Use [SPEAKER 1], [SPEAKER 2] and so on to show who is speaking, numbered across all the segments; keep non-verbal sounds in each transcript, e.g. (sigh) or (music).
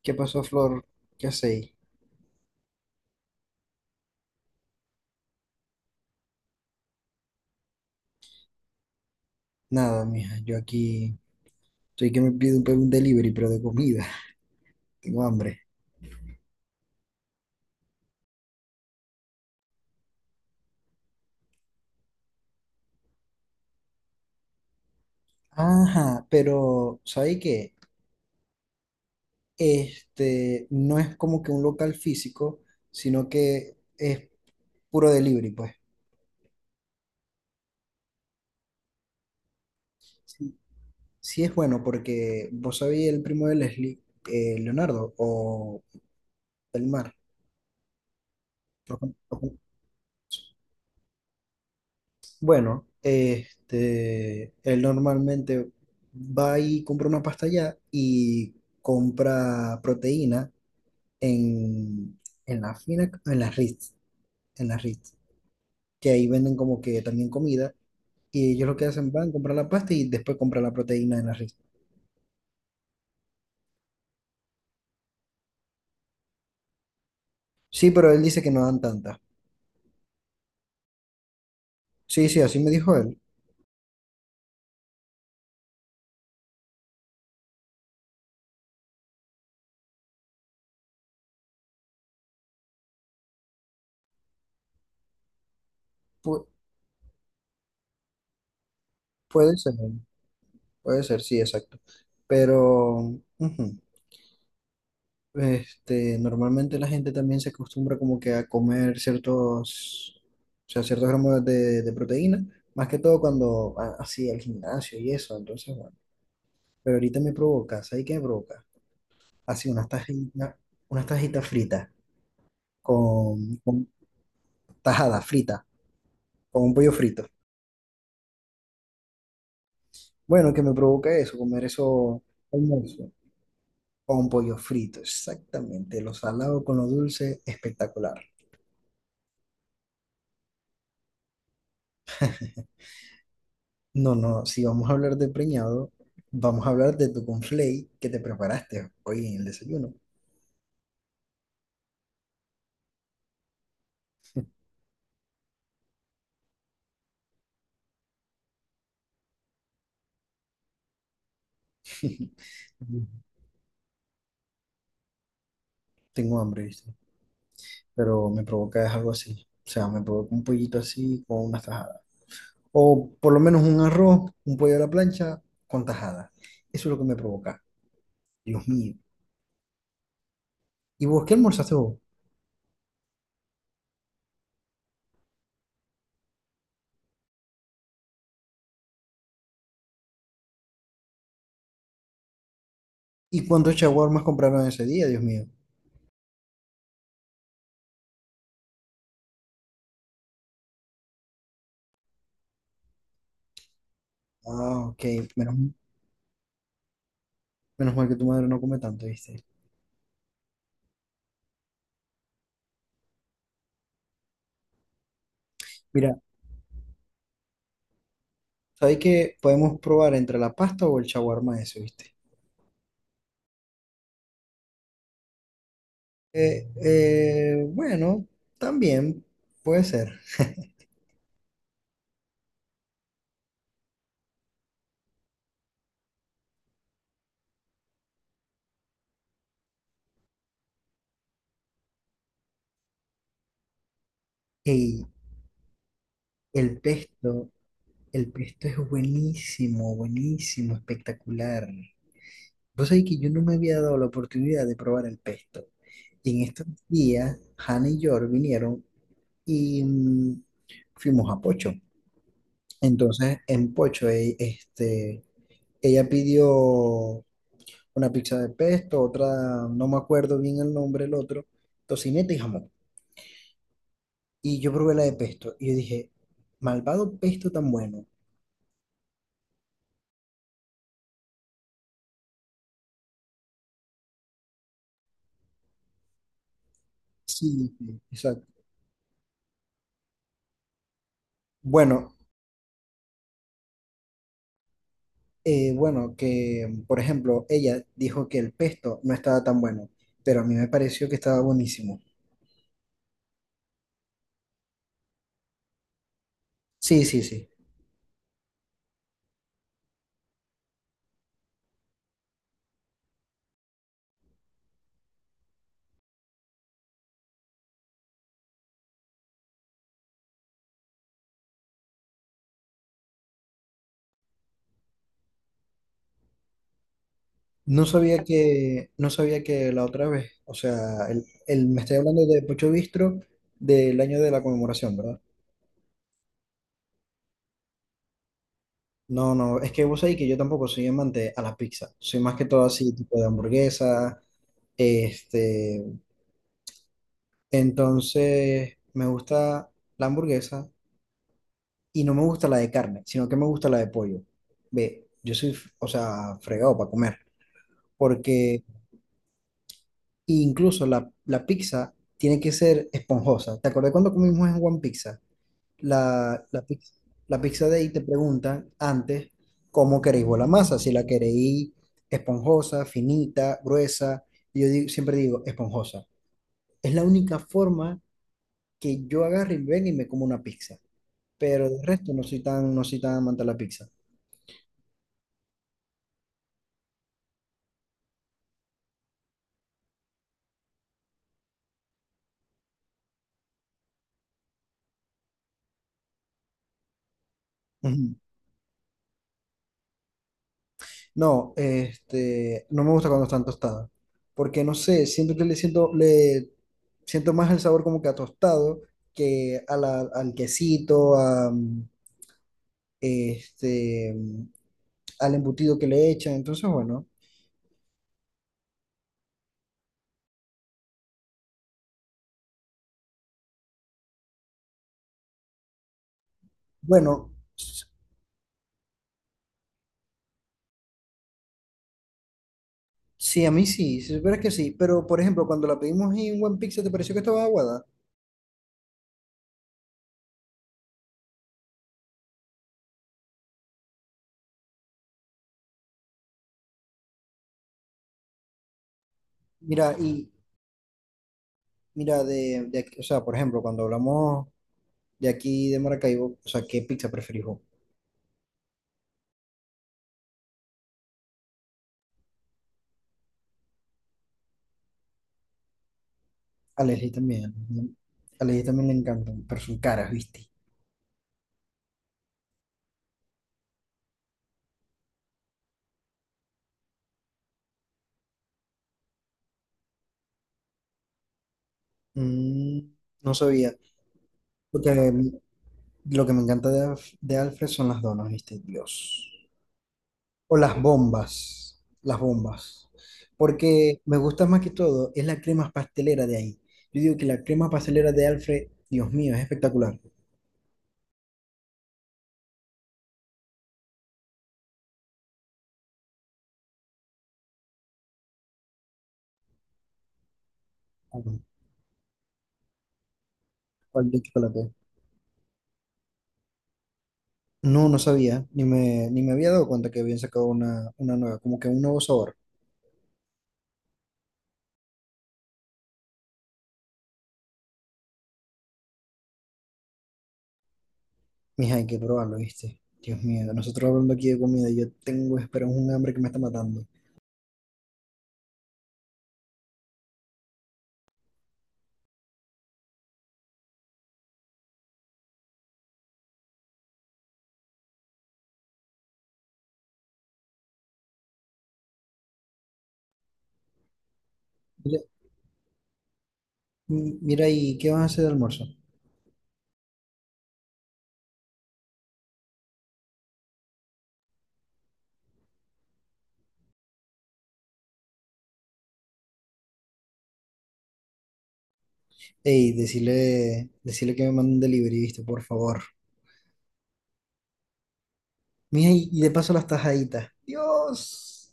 [SPEAKER 1] ¿Qué pasó, Flor? ¿Qué hacéis? Nada, mija, yo aquí estoy que me pido un delivery, pero de comida. (laughs) Tengo hambre. Ajá, pero ¿sabéis qué? Este no es como que un local físico, sino que es puro delivery, pues. Sí, sí es bueno porque vos sabéis el primo de Leslie, Leonardo o Belmar. Bueno, este, él normalmente va y compra una pasta allá y compra proteína en, en la fina, en las Ritz, que ahí venden como que también comida, y ellos lo que hacen van a comprar la pasta y después comprar la proteína en las Ritz. Sí, pero él dice que no dan tanta. Sí, sí, así me dijo él. Pu- puede ser, puede ser, sí, exacto. Pero ujú. Este, normalmente la gente también se acostumbra como que a comer ciertos, o sea, ciertos gramos de proteína, más que todo cuando va así al gimnasio y eso, entonces bueno. Pero ahorita me provoca, ¿sabes qué me provoca? Así unas tajitas fritas, con tajada frita, con un pollo frito. Bueno, que me provoca eso, comer eso almuerzo, con pollo frito, exactamente, lo salado con lo dulce, espectacular. No, no, si vamos a hablar de preñado, vamos a hablar de tu conflay que te preparaste hoy en el desayuno. (laughs) Tengo hambre, ¿viste? Pero me provoca es algo así. O sea, me provoca un pollito así con unas tajadas. O por lo menos un arroz, un pollo a la plancha con tajadas. Eso es lo que me provoca. Dios mío. ¿Y vos qué almorzaste vos? ¿Y cuántos shawarmas compraron ese día, Dios mío? Ah, ok. Menos, menos mal que tu madre no come tanto, ¿viste? Mira, ¿sabes que podemos probar entre la pasta o el shawarma ese, ¿viste? Bueno, también puede ser. (laughs) Ey, el pesto, el pesto es buenísimo, buenísimo, espectacular. Vos sabés que yo no me había dado la oportunidad de probar el pesto. Y en estos días, Hannah y George vinieron y fuimos a Pocho. Entonces, en Pocho, este, ella pidió una pizza de pesto, otra, no me acuerdo bien el nombre, el otro, tocineta y jamón. Y yo probé la de pesto y yo dije, malvado pesto tan bueno. Sí, sí, exacto. Bueno, bueno, que por ejemplo, ella dijo que el pesto no estaba tan bueno, pero a mí me pareció que estaba buenísimo. Sí, sí, sí. No sabía que, no sabía que la otra vez, o sea, me estoy hablando de Pocho Bistro del año de la conmemoración, ¿verdad? No, no, es que vos sabés que yo tampoco soy amante a la pizza. Soy más que todo así, tipo de hamburguesa, este, entonces, me gusta la hamburguesa y no me gusta la de carne, sino que me gusta la de pollo. Ve, yo soy, o sea, fregado para comer, porque incluso la pizza tiene que ser esponjosa. ¿Te acordás cuando comimos en One Pizza? La pizza, la pizza de ahí te preguntan antes cómo queréis vos la masa, si la queréis esponjosa, finita, gruesa. Y yo siempre digo esponjosa. Es la única forma que yo agarre y ven y me como una pizza. Pero de resto no soy tan, no soy tan amante de la pizza. (laughs) Ujú. No, este, no me gusta cuando están tostadas, porque no sé, siento que le siento más el sabor como que a tostado que a al quesito, a, este, mm, al embutido que le echan, entonces bueno, bueno, sí, a mí sí, si supieras que sí, pero por ejemplo, cuando la pedimos en One Pizza, ¿te pareció que estaba aguada? Mira, y mira, o sea, por ejemplo, cuando hablamos de aquí de Maracaibo, o sea, ¿qué pizza preferís vos? A Leslie también. ¿No? A Leslie también le encantan, pero son caras, ¿viste? Mm, no sabía. Porque lo que me encanta de, de Alfred son las donas, ¿viste? Dios. O las bombas. Las bombas. Porque me gusta más que todo es la crema pastelera de ahí. Yo digo que la crema pastelera de Alfred, Dios mío, es espectacular. Ujú. ¿Cuál de chocolate? No, no sabía. Ni me había dado cuenta que habían sacado una nueva, como que un nuevo sabor. Mija, hay que probarlo, ¿viste? Dios mío, nosotros hablando aquí de comida, yo tengo, espera, un hambre que me está matando. Mira, mira, ¿y qué vas a hacer de almuerzo? Ey, decirle, decirle que me mande un delivery, ¿viste? Por favor. Mija, y de paso las tajaditas. Dios.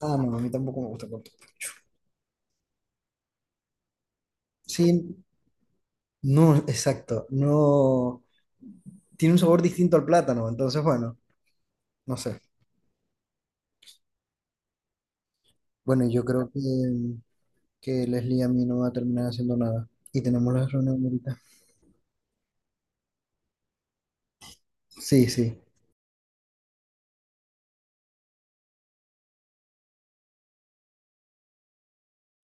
[SPEAKER 1] Ah, no, a mí tampoco me gusta el corto. Sí, no, exacto, no. Tiene un sabor distinto al plátano, entonces, bueno, no sé. Bueno, yo creo que Leslie a mí no va a terminar haciendo nada. Y tenemos la reunión ahorita. Sí, sí.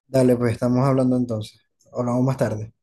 [SPEAKER 1] Dale, pues estamos hablando entonces. Hablamos más tarde.